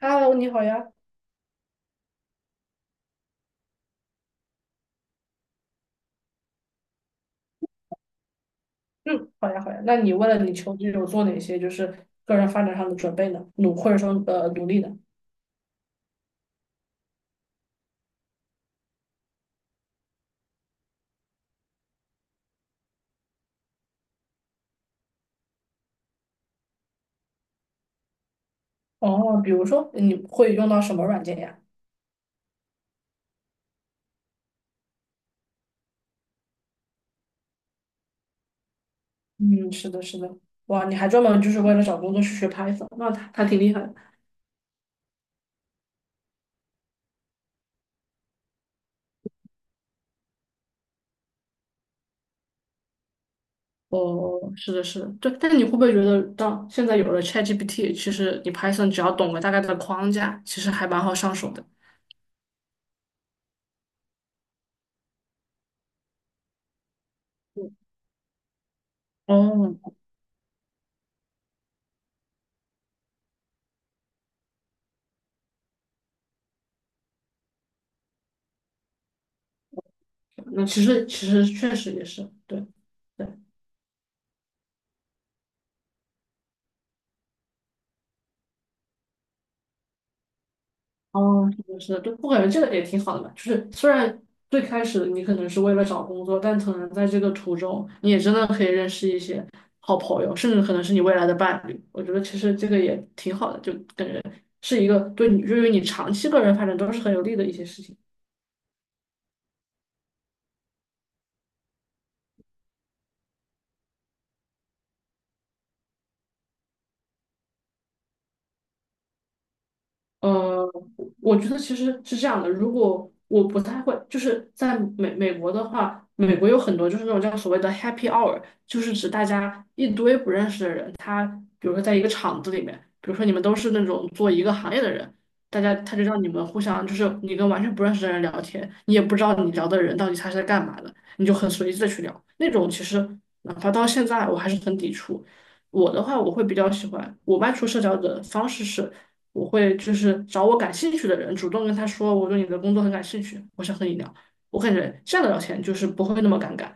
Hello，你好呀。嗯，好呀，好呀。那你为了你求职有做哪些就是个人发展上的准备呢？或者说努力呢？哦，比如说你会用到什么软件呀？嗯，是的，是的。哇，你还专门就是为了找工作去学 Python，那他挺厉害的。哦，是的，是的，对。但是你会不会觉得到现在有了 ChatGPT，其实你 Python 只要懂个大概的框架，其实还蛮好上手的。哦，那其实确实也是，对。对。哦，是的，是的，就不感觉这个也挺好的吧？就是虽然最开始你可能是为了找工作，但可能在这个途中，你也真的可以认识一些好朋友，甚至可能是你未来的伴侣。我觉得其实这个也挺好的，就感觉是一个对于你长期个人发展都是很有利的一些事情。呃，我觉得其实是这样的。如果我不太会，就是在美国的话，美国有很多就是那种叫所谓的 happy hour，就是指大家一堆不认识的人，他比如说在一个厂子里面，比如说你们都是那种做一个行业的人，大家他就让你们互相就是你跟完全不认识的人聊天，你也不知道你聊的人到底他是在干嘛的，你就很随意的去聊。那种其实哪怕到现在我还是很抵触。我的话，我会比较喜欢我外出社交的方式是。我会就是找我感兴趣的人，主动跟他说我对你的工作很感兴趣，我想和你聊。我感觉这样的聊天就是不会那么尴尬。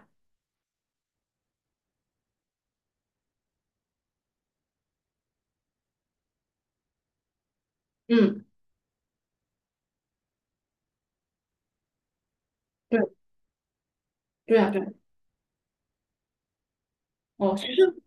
嗯，对，对啊，对。哦，其实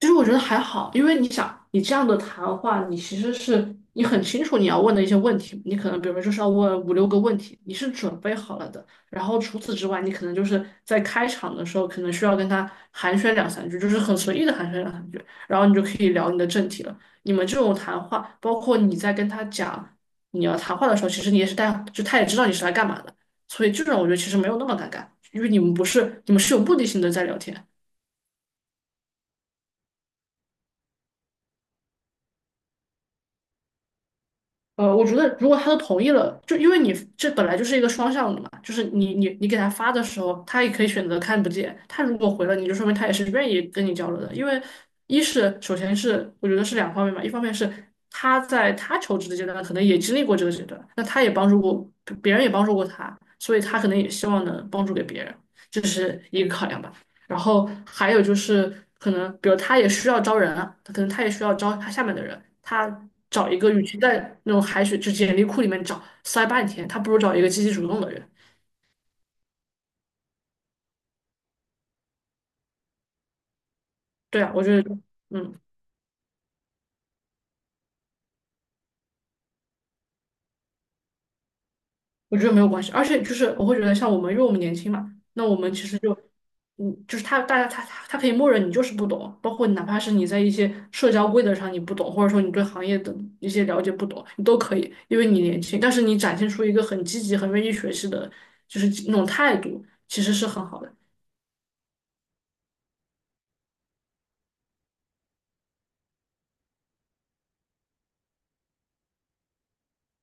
我觉得还好，因为你想，你这样的谈话，你其实是你很清楚你要问的一些问题，你可能比如说就是要问五六个问题，你是准备好了的。然后除此之外，你可能就是在开场的时候，可能需要跟他寒暄两三句，就是很随意的寒暄两三句，然后你就可以聊你的正题了。你们这种谈话，包括你在跟他讲你要谈话的时候，其实你也是带，就他也知道你是来干嘛的，所以这种我觉得其实没有那么尴尬，因为你们不是，你们是有目的性的在聊天。我觉得如果他都同意了，就因为你这本来就是一个双向的嘛，就是你给他发的时候，他也可以选择看不见。他如果回了你，就说明他也是愿意跟你交流的。因为一是首先是我觉得是两方面吧，一方面是他在他求职的阶段可能也经历过这个阶段，那他也帮助过别人，也帮助过他，所以他可能也希望能帮助给别人，这是一个考量吧。然后还有就是可能，比如他也需要招人啊，可能他也需要招他下面的人，他找一个，与其在那种海水就简历库里面找塞半天，他不如找一个积极主动的人。对啊，我觉得，嗯。我觉得没有关系，而且就是我会觉得像我们，因为我们年轻嘛，那我们其实就，就是他大家他可以默认你就是不懂，包括哪怕是你在一些社交规则上你不懂，或者说你对行业的一些了解不懂，你都可以，因为你年轻，但是你展现出一个很积极、很愿意学习的，就是那种态度，其实是很好的。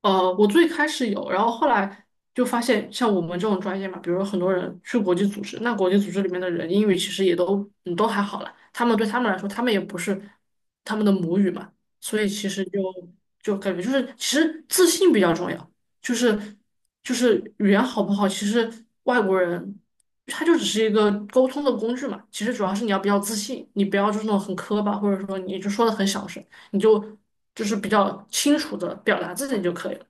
我最开始有，然后后来就发现，像我们这种专业嘛，比如说很多人去国际组织，那国际组织里面的人英语其实也都都还好了，他们对他们来说，他们也不是他们的母语嘛，所以其实就感觉就是其实自信比较重要，就是语言好不好，其实外国人他就只是一个沟通的工具嘛，其实主要是你要比较自信，你不要就是那种很磕巴，或者说你就说的很小声。你就是比较清楚的表达自己就可以了。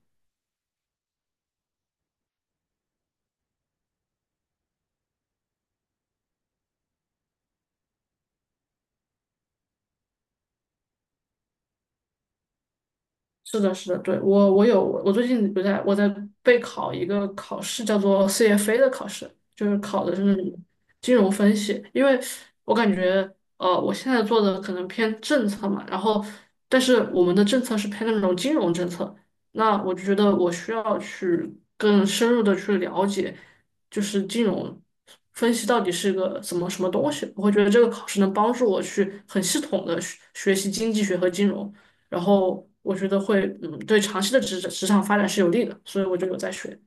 是的，是的，对，我有我最近不在我在备考一个考试，叫做 CFA 的考试，就是考的是那种金融分析。因为我感觉，我现在做的可能偏政策嘛，然后但是我们的政策是偏那种金融政策，那我就觉得我需要去更深入的去了解，就是金融分析到底是个什么东西。我会觉得这个考试能帮助我去很系统的学习经济学和金融。然后我觉得会对长期的职场发展是有利的，所以我就有在学。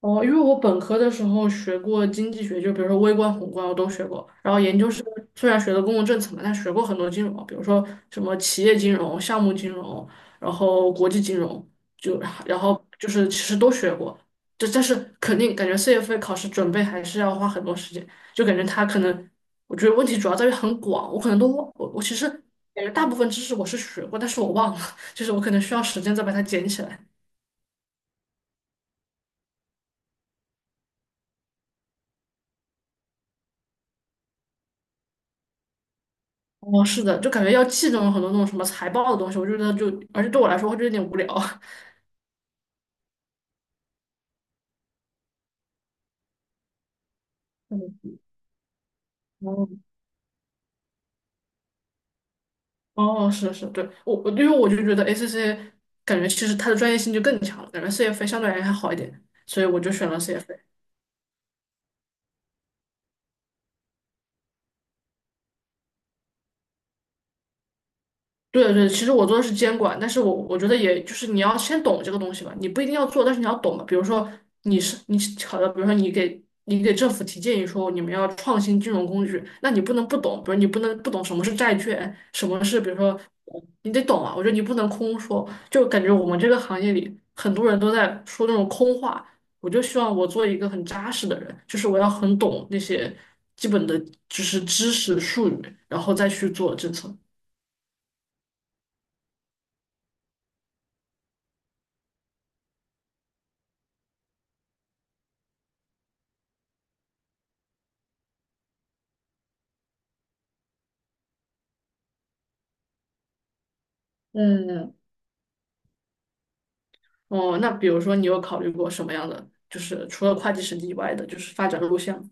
哦，因为我本科的时候学过经济学，就比如说微观、宏观我都学过。然后研究生虽然学的公共政策嘛，但学过很多金融，比如说什么企业金融、项目金融，然后国际金融，就然后就是其实都学过。但是肯定感觉 CFA 考试准备还是要花很多时间，就感觉它可能，我觉得问题主要在于很广，我可能都忘，我其实感觉大部分知识我是学过，但是我忘了，就是我可能需要时间再把它捡起来。哦，是的，就感觉要记那种很多那种什么财报的东西，我觉得就，而且对我来说，会就有点无聊。嗯，哦，哦，是是，对，我因为我就觉得 ACC 感觉其实它的专业性就更强了，感觉 CFA 相对来说还好一点，所以我就选了 CFA。对对，其实我做的是监管，但是我觉得也就是你要先懂这个东西吧，你不一定要做，但是你要懂嘛。比如说你是你好的，比如说你给政府提建议说你们要创新金融工具，那你不能不懂，比如你不能不懂什么是债券，什么是比如说你得懂啊。我觉得你不能空说，就感觉我们这个行业里很多人都在说那种空话。我就希望我做一个很扎实的人，就是我要很懂那些基本的就是知识术语，然后再去做政策。嗯，哦，那比如说你有考虑过什么样的，就是除了会计审计以外的，就是发展路线吗？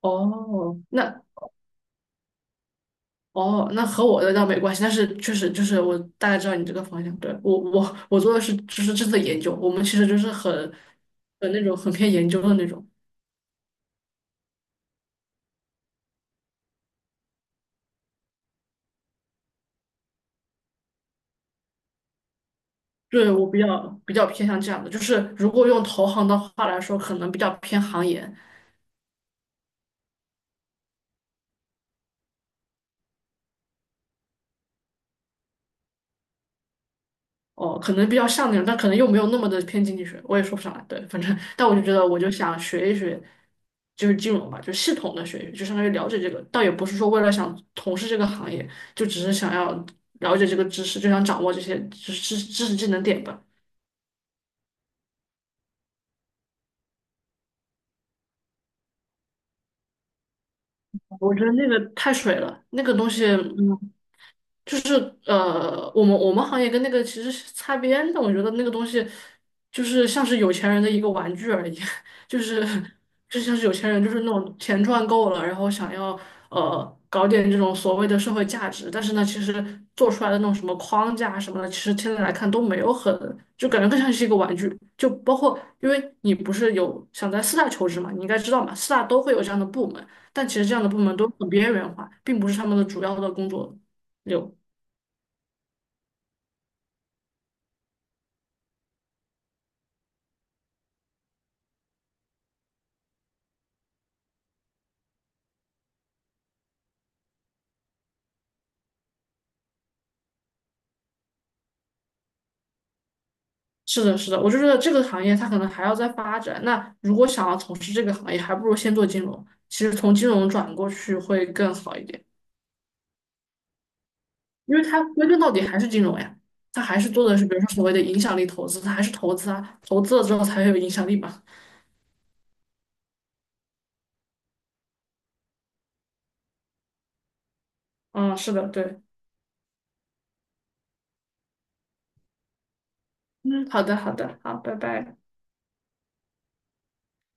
哦，那。哦，那和我的倒没关系，但是确实就是我大概知道你这个方向。对，我做的是就是这次的研究，我们其实就是很那种很偏研究的那种。对，我比较偏向这样的，就是如果用投行的话来说，可能比较偏行业；哦，可能比较像那种，但可能又没有那么的偏经济学，我也说不上来。对，反正，但我就觉得，我就想学一学，就是金融吧，就系统的学一学，就相当于了解这个，倒也不是说为了想从事这个行业，就只是想要了解这个知识，就想掌握这些知识技能点吧。我觉得那个太水了，那个东西，就是我们行业跟那个其实是擦边的，我觉得那个东西就是像是有钱人的一个玩具而已，就是就像是有钱人就是那种钱赚够了，然后想要搞点这种所谓的社会价值，但是呢，其实做出来的那种什么框架什么的，其实现在来看都没有很，就感觉更像是一个玩具，就包括因为你不是有想在四大求职嘛，你应该知道嘛，四大都会有这样的部门，但其实这样的部门都很边缘化，并不是他们的主要的工作。有。是的，是的，我就觉得这个行业它可能还要再发展。那如果想要从事这个行业，还不如先做金融。其实从金融转过去会更好一点，因为它归根到底还是金融呀，它还是做的是比如说所谓的影响力投资，它还是投资啊，投资了之后才会有影响力嘛。嗯，是的，对，嗯，好的，好的，好，拜拜。